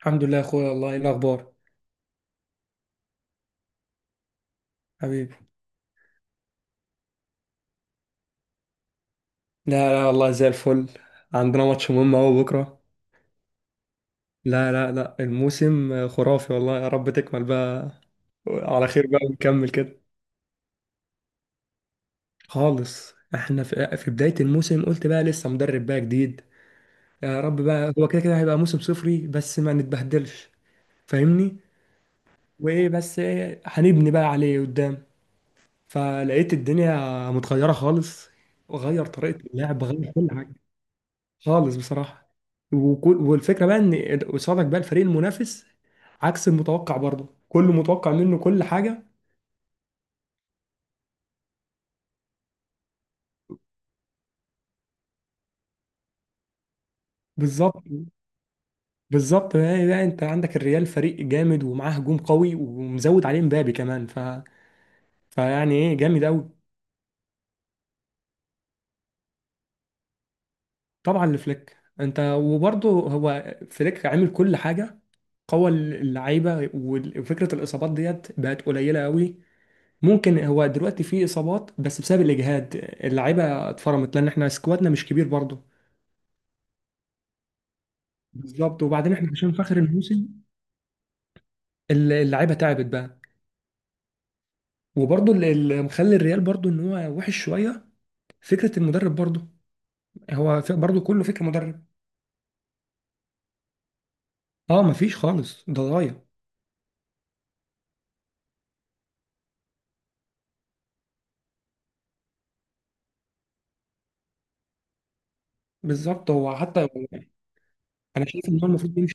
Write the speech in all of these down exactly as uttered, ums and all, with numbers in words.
الحمد لله يا اخويا والله ايه الاخبار. حبيبي، لا لا والله زي الفل. عندنا ماتش مهم اهو بكره. لا لا لا الموسم خرافي والله، يا رب تكمل بقى على خير بقى ونكمل كده. خالص، احنا في, في بداية الموسم قلت بقى لسه مدرب بقى جديد، يا رب بقى هو كده كده هيبقى موسم صفري بس ما نتبهدلش. فاهمني. وايه بس إيه هنبني بقى عليه قدام، فلقيت الدنيا متغيرة خالص، وغير طريقة اللعب غير كل حاجة. خالص بصراحة. وكل والفكرة بقى ان قصادك بقى الفريق المنافس عكس المتوقع برضه كله متوقع منه كل حاجة. بالظبط. بالظبط بقى، بقى انت عندك الريال فريق جامد ومعاه هجوم قوي ومزود عليه مبابي كمان ف... فيعني ايه جامد قوي. طبعا لفليك انت، وبرضه هو فليك عامل كل حاجة، قوى اللعيبة وفكرة الإصابات ديت بقت قليلة قوي. ممكن هو دلوقتي في إصابات بس بسبب الإجهاد، اللعيبة اتفرمت لأن احنا سكوادنا مش كبير برضه. بالظبط وبعدين احنا عشان في اخر الموسم الل- اللعيبه تعبت بقى. وبرضه اللي اللي مخلي الريال برضه ان هو وحش شويه فكره المدرب برضه، هو ف- برضه كله فكره مدرب. اه مفيش خالص، ده ضايع. بالظبط. هو حتى انا شايف ان هو المفروض يمشي.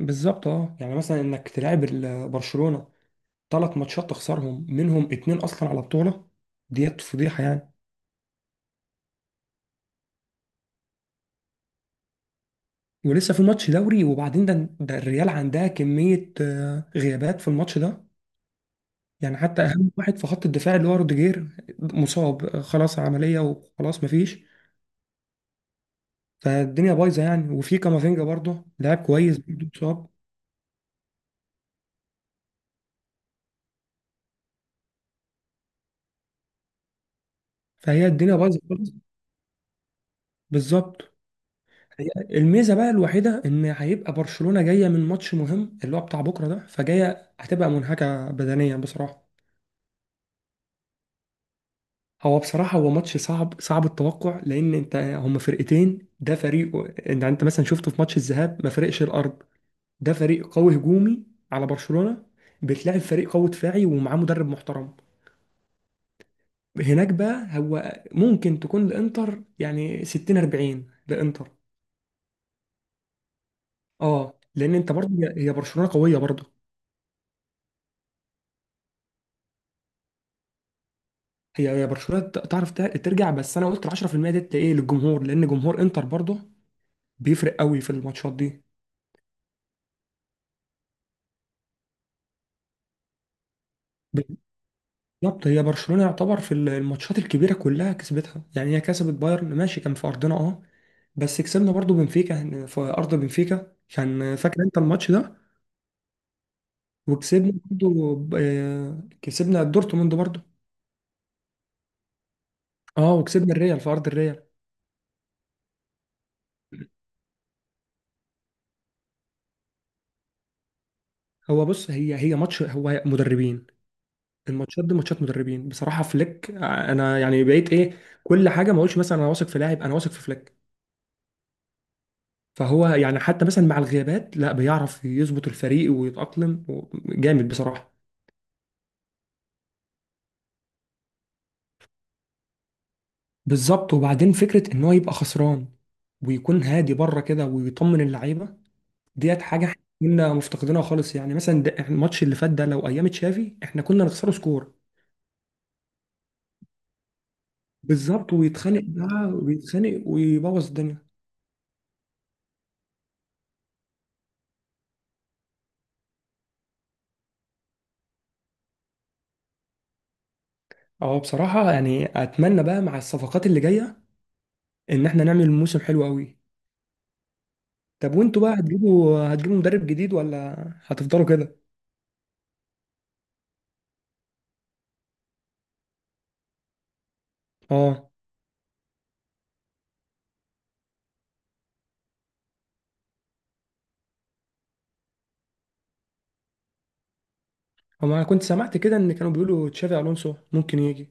بالظبط، اه يعني مثلا انك تلعب ال- برشلونه ثلاث ماتشات تخسرهم، منهم اتنين اصلا على بطوله، ديت فضيحه يعني. ولسه في ماتش دوري، وبعدين ده ده الريال عندها كميه آه، غيابات في الماتش ده، يعني حتى اهم واحد في خط الدفاع اللي هو روديجير مصاب خلاص، عمليه وخلاص مفيش. فالدنيا بايظه يعني، وفي كامافينجا برضه لاعب كويس برضه مصاب. فهي الدنيا بايظه خالص. بالظبط. هي الميزه بقى الوحيده ان هيبقى برشلونه جايه من ماتش مهم اللي هو بتاع بكره ده، فجايه هتبقى منهكه بدنيا بصراحه. هو بصراحه هو ماتش صعب، صعب التوقع، لان انت هما فرقتين. ده فريق، انت انت مثلا شفته في ماتش الذهاب ما فرقش الارض، ده فريق قوي هجومي على برشلونة. بتلاعب فريق قوي دفاعي ومعاه مدرب محترم. هناك بقى هو ممكن تكون الانتر يعني ستين أربعين لانتر. اه لان انت برضه هي هي برشلونة قوية برضه. هي هي برشلونة ت- تعرف ت- ترجع، بس انا قلت ال عشرة في المئة ديت ايه للجمهور، لان جمهور انتر برضه بيفرق قوي في الماتشات دي. بالظبط. هي برشلونة يعتبر في الماتشات الكبيرة كلها كسبتها، يعني هي كسبت بايرن ماشي كان في ارضنا اه، بس كسبنا برضو بنفيكا هن- في ارض بنفيكا، كان فاكر انت الماتش ده. وكسبنا برضو ب- آه، كسبنا دورتموند برضو. اه وكسبنا الريال في ارض الريال. هو بص، هي هي ماتش هو مدربين، الماتشات دي ماتشات مدربين بصراحة. فليك، آه، انا يعني بقيت ايه، كل حاجة ما اقولش مثلا انا واثق في لاعب، انا واثق في فليك. فهو يعني حتى مثلا مع الغيابات لا بيعرف يظبط الفريق ويتأقلم و- جامد بصراحة. بالظبط، وبعدين فكرة ان هو يبقى خسران ويكون هادي بره كده ويطمن اللعيبة، ديت حاجه احنا كنا مفتقدينها خالص. يعني مثلا ده إحنا الماتش اللي فات ده لو ايام تشافي احنا كنا نخسره سكور. بالظبط، ويتخانق بقى ويتخانق ويبوظ الدنيا. اه بصراحه يعني اتمنى بقى مع الصفقات اللي جايه ان احنا نعمل موسم حلو قوي. طب وانتوا بقى هتجيبوا هتجيبوا مدرب جديد، ولا هتفضلوا كده؟ اه. هو انا كنت سمعت كده ان كانوا بيقولوا تشافي الونسو ممكن يجي.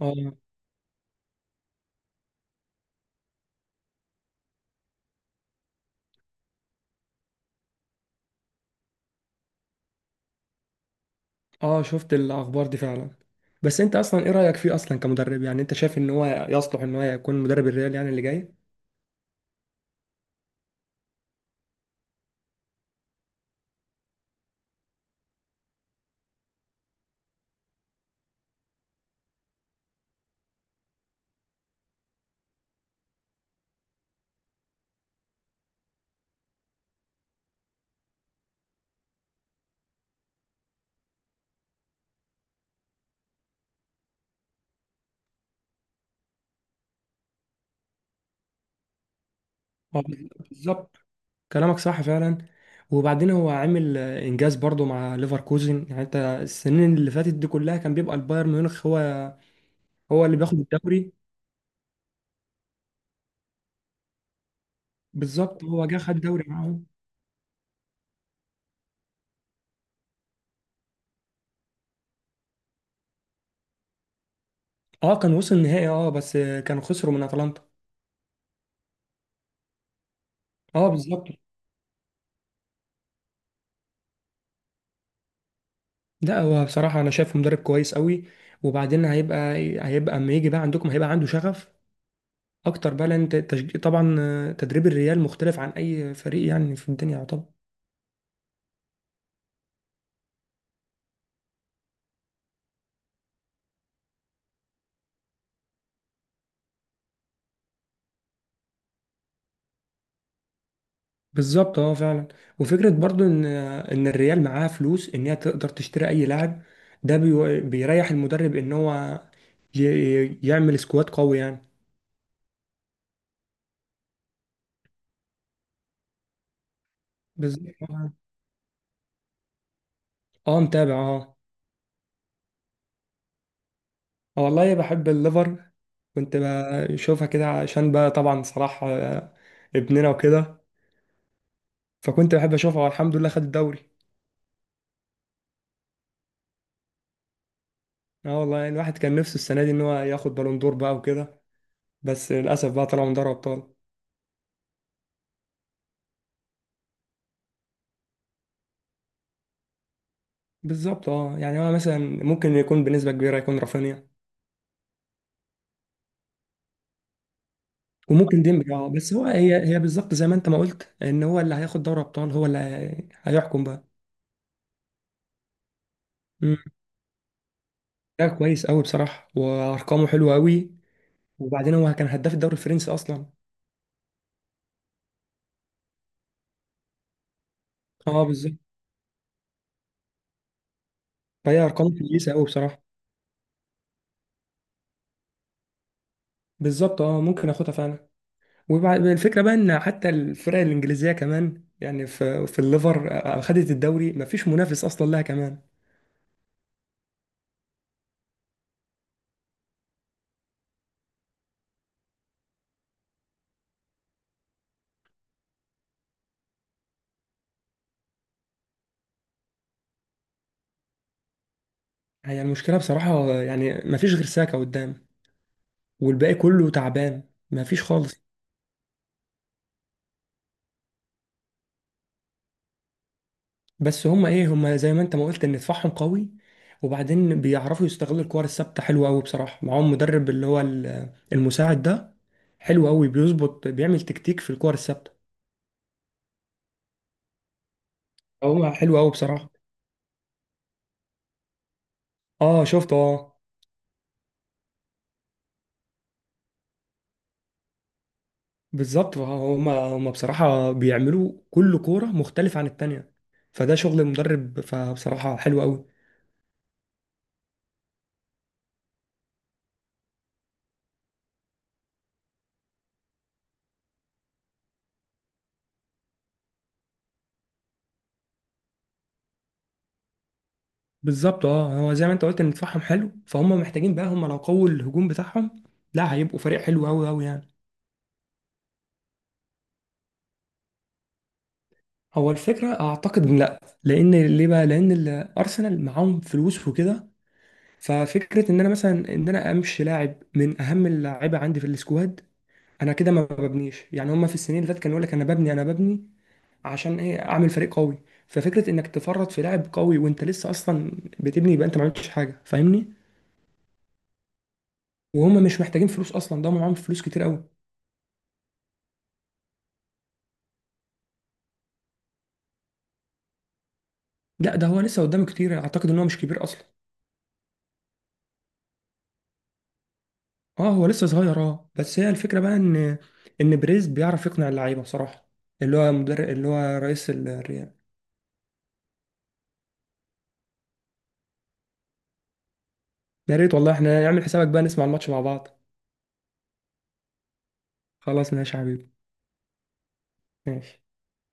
اه. اه شفت الاخبار دي فعلا، بس انت اصلا ايه رايك فيه اصلا كمدرب؟ يعني انت شايف ان هو يصلح ان هو يكون مدرب الريال يعني اللي جاي؟ هو بالظبط، كلامك صح فعلا. وبعدين هو عامل آه، انجاز برضو مع ليفركوزن. يعني انت السنين اللي فاتت دي كلها كان بيبقى البايرن ميونخ هو هو اللي بياخد الدوري. بالظبط، هو جه خد دوري معاهم. اه كان وصل النهائي، اه بس آه، كانوا خسروا من اتلانتا. اه بالظبط. لا هو بصراحة انا شايفه مدرب كويس قوي. وبعدين هيبقى، هيبقى اما يجي بقى عندكم هيبقى عنده شغف اكتر بقى، لان تشج- طبعا آه، تدريب الريال مختلف عن اي فريق يعني في الدنيا طبعا. بالظبط اه فعلا. وفكره برضو ان ان الريال معاها فلوس ان هي تقدر تشتري اي لاعب، ده بي... بيريح المدرب ان هو ي... يعمل سكواد قوي يعني. بالظبط اه، متابع اه. آه والله بحب الليفر. كنت بشوفها كده عشان بقى طبعا صلاح آه، ابننا وكده، فكنت بحب اشوفها والحمد لله خد الدوري. اه والله الواحد كان نفسه السنه دي ان هو ياخد بالون دور بقى وكده، بس للاسف بقى طلعوا من دوري ابطال. بالظبط. اه يعني هو مثلا ممكن يكون بنسبه كبيره يكون رافينيا، وممكن ديمبلي اه، بس هو هي هي بالظبط زي ما انت ما قلت ان هو اللي هياخد دوري ابطال هو اللي هي- هيحكم بقى. مم. ده كويس قوي بصراحه وارقامه حلوه قوي. وبعدين هو كان هداف الدوري الفرنسي اصلا. اه بالظبط. فهي ارقامه كويسه قوي بصراحه. بالظبط اه ممكن اخدها فعلا. وبعد الفكره بقى ان حتى الفرق الانجليزيه كمان، يعني في في الليفر آه، خدت الدوري مفيش منافس اصلا لها كمان. هي المشكله بصراحه، يعني مفيش غير ساكا قدام والباقي كله تعبان، مفيش خالص. بس هم ايه، هم زي ما انت ما قلت ان دفاعهم قوي، وبعدين بيعرفوا يستغلوا الكور الثابته حلوه قوي بصراحه، معاهم مدرب اللي هو ال- المساعد ده حلو قوي بيظبط، بيعمل تكتيك في الكور الثابته. هو حلو قوي بصراحه. اه شفته اه. بالظبط، هم هم بصراحه بيعملوا كل كوره مختلفه عن التانيه، فده شغل المدرب فبصراحه حلو قوي. بالظبط اه، هو زي ما انت قلت ان دفاعهم حلو، فهم محتاجين بقى، هم لو قووا الهجوم بتاعهم لا هيبقوا فريق حلو قوي قوي يعني. هو الفكرة أعتقد إن لأ. لأن ليه بقى؟ لأن الأرسنال معاهم فلوس وكده. ففكرة إن أنا مثلا إن أنا أمشي لاعب من أهم اللعيبة عندي في السكواد، أنا كده ما ببنيش. يعني هما في السنين اللي فاتت كانوا يقول لك أنا ببني أنا ببني عشان إيه؟ أعمل فريق قوي. ففكرة إنك تفرط في لاعب قوي وأنت لسه أصلا بتبني، يبقى أنت ما عملتش حاجة، فاهمني؟ وهم مش محتاجين فلوس أصلا، ده معاهم فلوس كتير قوي. لا ده هو لسه قدامه كتير، أعتقد إن هو مش كبير أصلا. اه هو لسه صغير، اه بس هي الفكره بقى ان ان بريز بيعرف يقنع اللعيبه بصراحه، اللي هو مدرب اللي هو رئيس الريال. يا ريت والله احنا نعمل حسابك بقى نسمع الماتش مع بعض. خلاص ماشي يا حبيبي. ماشي.